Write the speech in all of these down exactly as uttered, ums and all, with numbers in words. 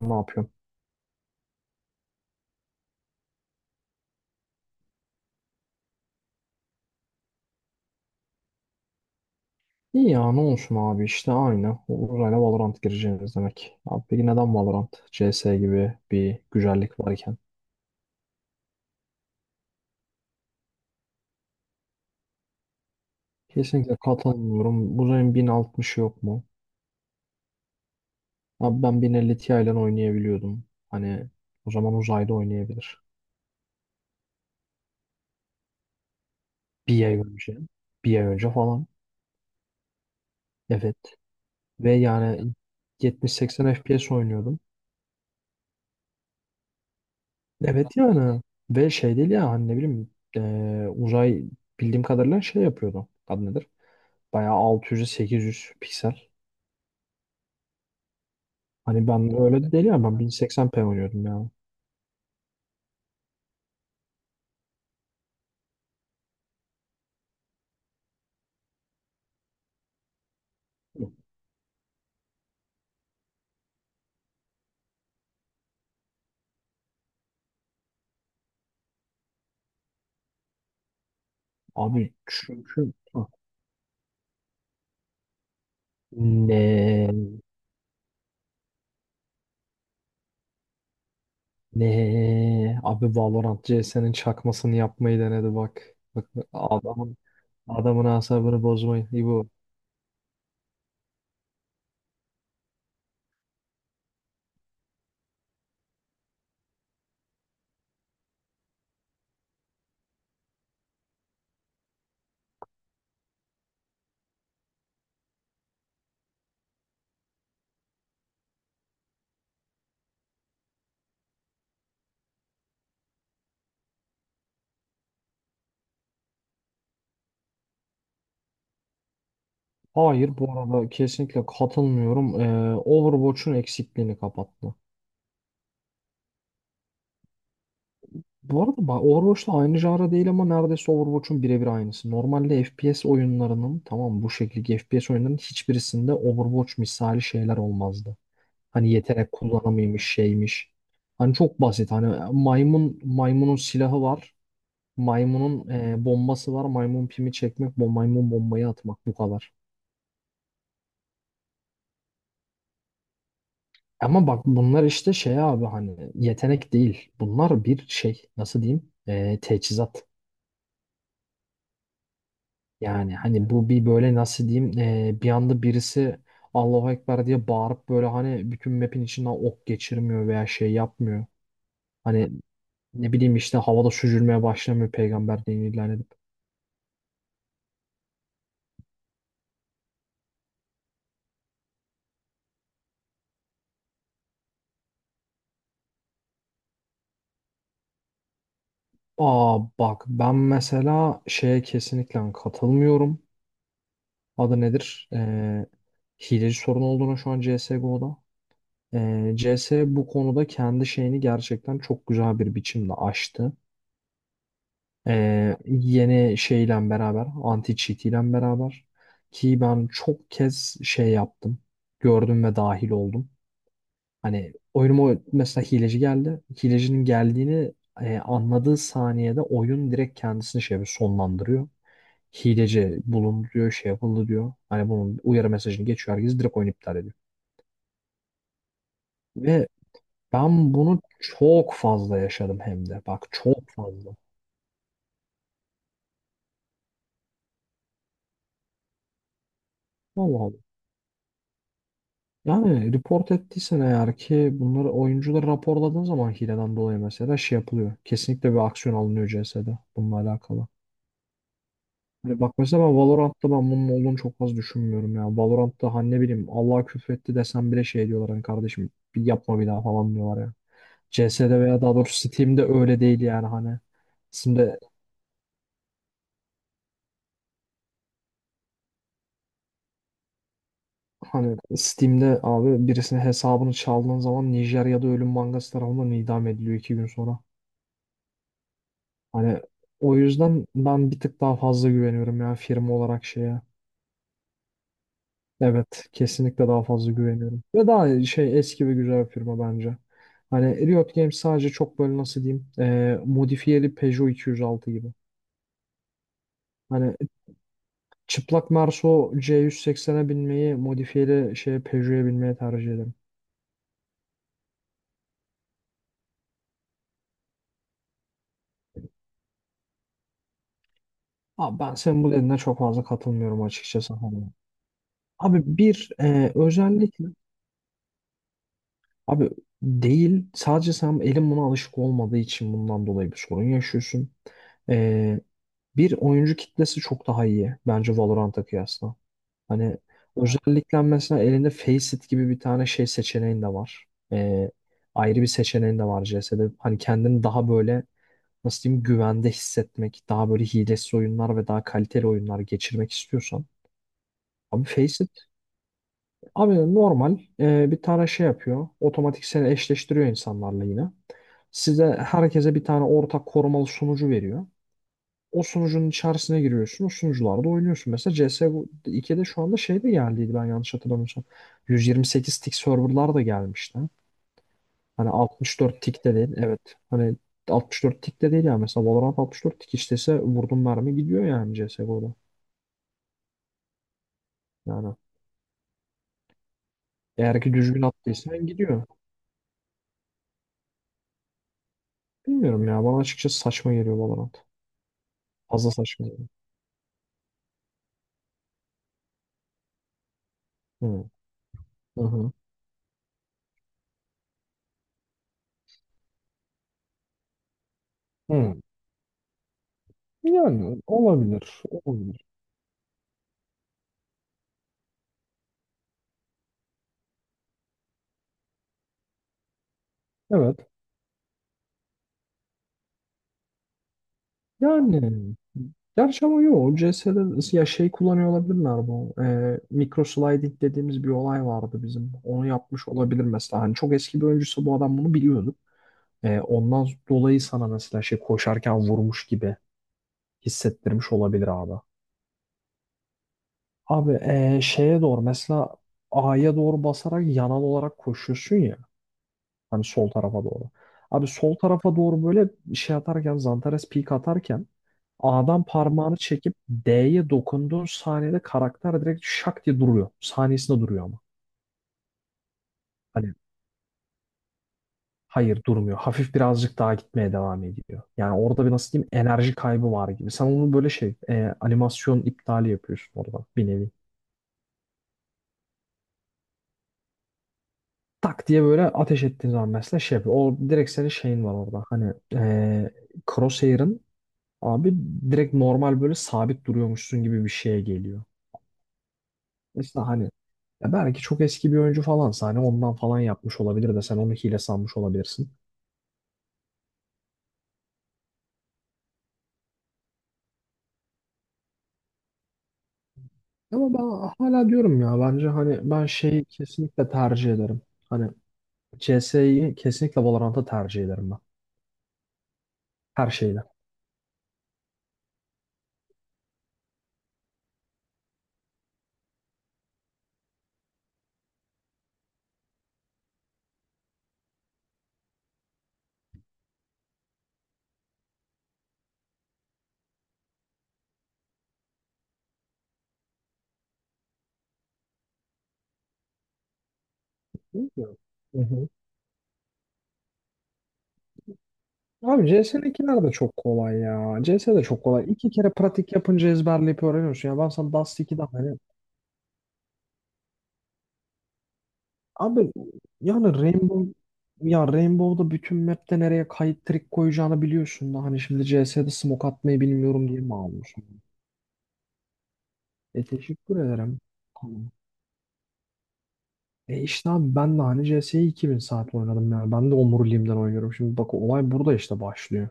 Ne yapıyorum? İyi ya, ne olsun abi, işte aynı. Uzayla Valorant gireceğiz demek. Abi peki neden Valorant? C S gibi bir güzellik varken. Kesinlikle katılmıyorum. Uzayın bin altmış yok mu? Abi ben 1050 Ti ile oynayabiliyordum. Hani o zaman uzayda oynayabilir. Bir ay önce. Bir ay önce falan. Evet. Ve yani yetmiş seksen F P S oynuyordum. Evet yani. Ve şey değil ya, hani ne bileyim, eee, uzay bildiğim kadarıyla şey yapıyordu. Adı nedir? Bayağı altı yüzden sekiz yüze piksel. Hani ben öyle de değil ya, ben bin seksen p oynuyordum ya. Abi çünkü. Hı. ne ne abi, Valorant C S'nin çakmasını yapmayı denedi, bak. Bak, adamın adamın asabını bozmayı bu. Hayır, bu arada kesinlikle katılmıyorum. Ee, Overwatch'un eksikliğini kapattı. Bu arada bak, Overwatch'la aynı janra değil ama neredeyse Overwatch'un birebir aynısı. Normalde F P S oyunlarının, tamam, bu şekilde F P S oyunlarının hiçbirisinde Overwatch misali şeyler olmazdı. Hani yetenek kullanımıymış, şeymiş. Hani çok basit, hani maymun, maymunun silahı var. Maymunun e, bombası var. Maymun pimi çekmek, bom, maymun bombayı atmak, bu kadar. Ama bak, bunlar işte şey abi, hani yetenek değil. Bunlar bir şey, nasıl diyeyim? E, teçhizat. Yani hani bu bir böyle, nasıl diyeyim, e, bir anda birisi Allahu Ekber diye bağırıp böyle hani bütün map'in içinden ok geçirmiyor veya şey yapmıyor. Hani ne bileyim işte, havada süzülmeye başlamıyor peygamber dinini ilan edip. Aa bak, ben mesela şeye kesinlikle katılmıyorum. Adı nedir? E, hileci sorun olduğuna şu an C S G O'da. E, C S bu konuda kendi şeyini gerçekten çok güzel bir biçimde aştı. Ee, yeni şeyle beraber, anti cheat ile beraber, ki ben çok kez şey yaptım. Gördüm ve dahil oldum. Hani oyunuma mesela hileci geldi. Hilecinin geldiğini e, anladığı saniyede oyun direkt kendisini şey yapıyor, sonlandırıyor. Hileci bulundu diyor, şey yapıldı diyor. Hani bunun uyarı mesajını geçiyor, herkes direkt oyunu iptal ediyor. Ve ben bunu çok fazla yaşadım hem de. Bak, çok fazla. Allah. Yani report ettiysen, eğer ki bunları, oyuncuları raporladığın zaman hileden dolayı mesela şey yapılıyor. Kesinlikle bir aksiyon alınıyor C S'de bununla alakalı. Hani bak mesela, ben Valorant'ta ben bunun olduğunu çok az düşünmüyorum ya. Valorant'ta hani ne bileyim, Allah küfretti desem bile şey diyorlar, hani kardeşim bir yapma bir daha falan diyorlar ya. C S'de veya daha doğrusu Steam'de öyle değil yani, hani. Şimdi hani Steam'de abi birisinin hesabını çaldığın zaman Nijerya'da ölüm mangası tarafından idam ediliyor iki gün sonra. Hani o yüzden ben bir tık daha fazla güveniyorum ya, firma olarak şeye. Evet, kesinlikle daha fazla güveniyorum. Ve daha şey, eski ve güzel bir firma bence. Hani Riot Games sadece çok böyle, nasıl diyeyim, e, modifiyeli Peugeot iki yüz altı gibi. Hani çıplak Merso C yüz seksene binmeyi modifiyeli şeye Peugeot'a binmeye tercih ederim. Abi ben senin bu dediğine çok fazla katılmıyorum açıkçası. Hani. Abi bir, e, özellikle. Abi değil. Sadece sen elin buna alışık olmadığı için bundan dolayı bir sorun yaşıyorsun. Ee, Bir oyuncu kitlesi çok daha iyi bence Valorant'a kıyasla. Hani. Evet. Özellikle mesela elinde Faceit gibi bir tane şey seçeneğin de var. Ee, Ayrı bir seçeneğin de var C S'de. Hani kendini daha böyle, nasıl diyeyim, güvende hissetmek, daha böyle hilesiz oyunlar ve daha kaliteli oyunlar geçirmek istiyorsan. Abi Faceit. Abi normal e, bir tane şey yapıyor. Otomatik seni eşleştiriyor insanlarla yine. Size, herkese bir tane ortak korumalı sunucu veriyor. O sunucunun içerisine giriyorsun. O sunucularda oynuyorsun. Mesela C S ikide şu anda şey de geldiydi, ben yanlış hatırlamıyorsam. yüz yirmi sekiz tick serverlar da gelmişti. Hani altmış dört tick de değil. Evet. Hani altmış dört tick de değil yani. Mesela Valorant altmış dört tick işlese, vurdum mermi gidiyor yani C S G O'da. Yani eğer ki düzgün attıysan gidiyor. Bilmiyorum ya. Bana açıkçası saçma geliyor Valorant. Fazla saçmalıyor. Hı. Hı hı. Hı. Yani olabilir. Olabilir. Evet. Yani gerçi ama yok. O C S'de ya şey kullanıyor olabilirler bu. Ee, micro sliding dediğimiz bir olay vardı bizim. Onu yapmış olabilir mesela. Hani çok eski bir oyuncuysa bu adam bunu biliyordu. Ee, ondan dolayı sana mesela şey koşarken vurmuş gibi hissettirmiş olabilir abi. Abi ee, şeye doğru mesela, A'ya doğru basarak yanal olarak koşuyorsun ya. Hani sol tarafa doğru. Abi sol tarafa doğru böyle şey atarken, Zantares peak atarken, A'dan parmağını çekip D'ye dokunduğun saniyede karakter direkt şak diye duruyor. Saniyesinde duruyor ama. Hani, hayır durmuyor. Hafif birazcık daha gitmeye devam ediyor. Yani orada bir, nasıl diyeyim, enerji kaybı var gibi. Sen onu böyle şey, e, animasyon iptali yapıyorsun orada, bir nevi. Tak diye böyle ateş ettiğin zaman mesela şey yapıyor. O direkt, senin şeyin var orada. Hani e, Crosshair'ın, abi, direkt normal böyle sabit duruyormuşsun gibi bir şeye geliyor. Mesela hani, ya belki çok eski bir oyuncu falansa hani ondan falan yapmış olabilir de sen onu hile sanmış olabilirsin. Ama ben hala diyorum ya, bence hani, ben şeyi kesinlikle tercih ederim. Hani C S'yi kesinlikle Valorant'a tercih ederim ben. Her şeyle. Bilmiyorum. Hı hı. Abi C S'ninkiler de çok kolay ya. C S de çok kolay. İki kere pratik yapınca ezberleyip öğreniyorsun. Ya ben sana Dust ikide hani... Abi yani Rainbow, ya Rainbow'da bütün map'te nereye kayıt trik koyacağını biliyorsun da, hani şimdi C S'de smoke atmayı bilmiyorum diye mi alıyorsun? E, teşekkür ederim. Tamam. E işte abi, ben de hani C S'yi iki bin saat oynadım yani. Ben de omuriliğimden oynuyorum. Şimdi bak, olay burada işte başlıyor.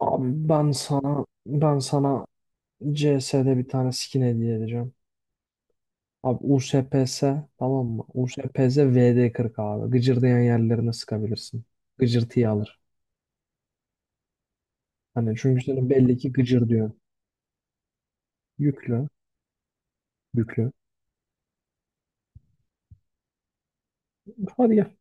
Abi ben sana ben sana C S'de bir tane skin hediye edeceğim. Abi U S P S, tamam mı? U S P S V D kırk abi. Gıcırdayan yerlerine sıkabilirsin. Gıcırtıyı alır. Hani çünkü senin belli ki gıcır diyor. Yüklü, yüklü. Hadi gel.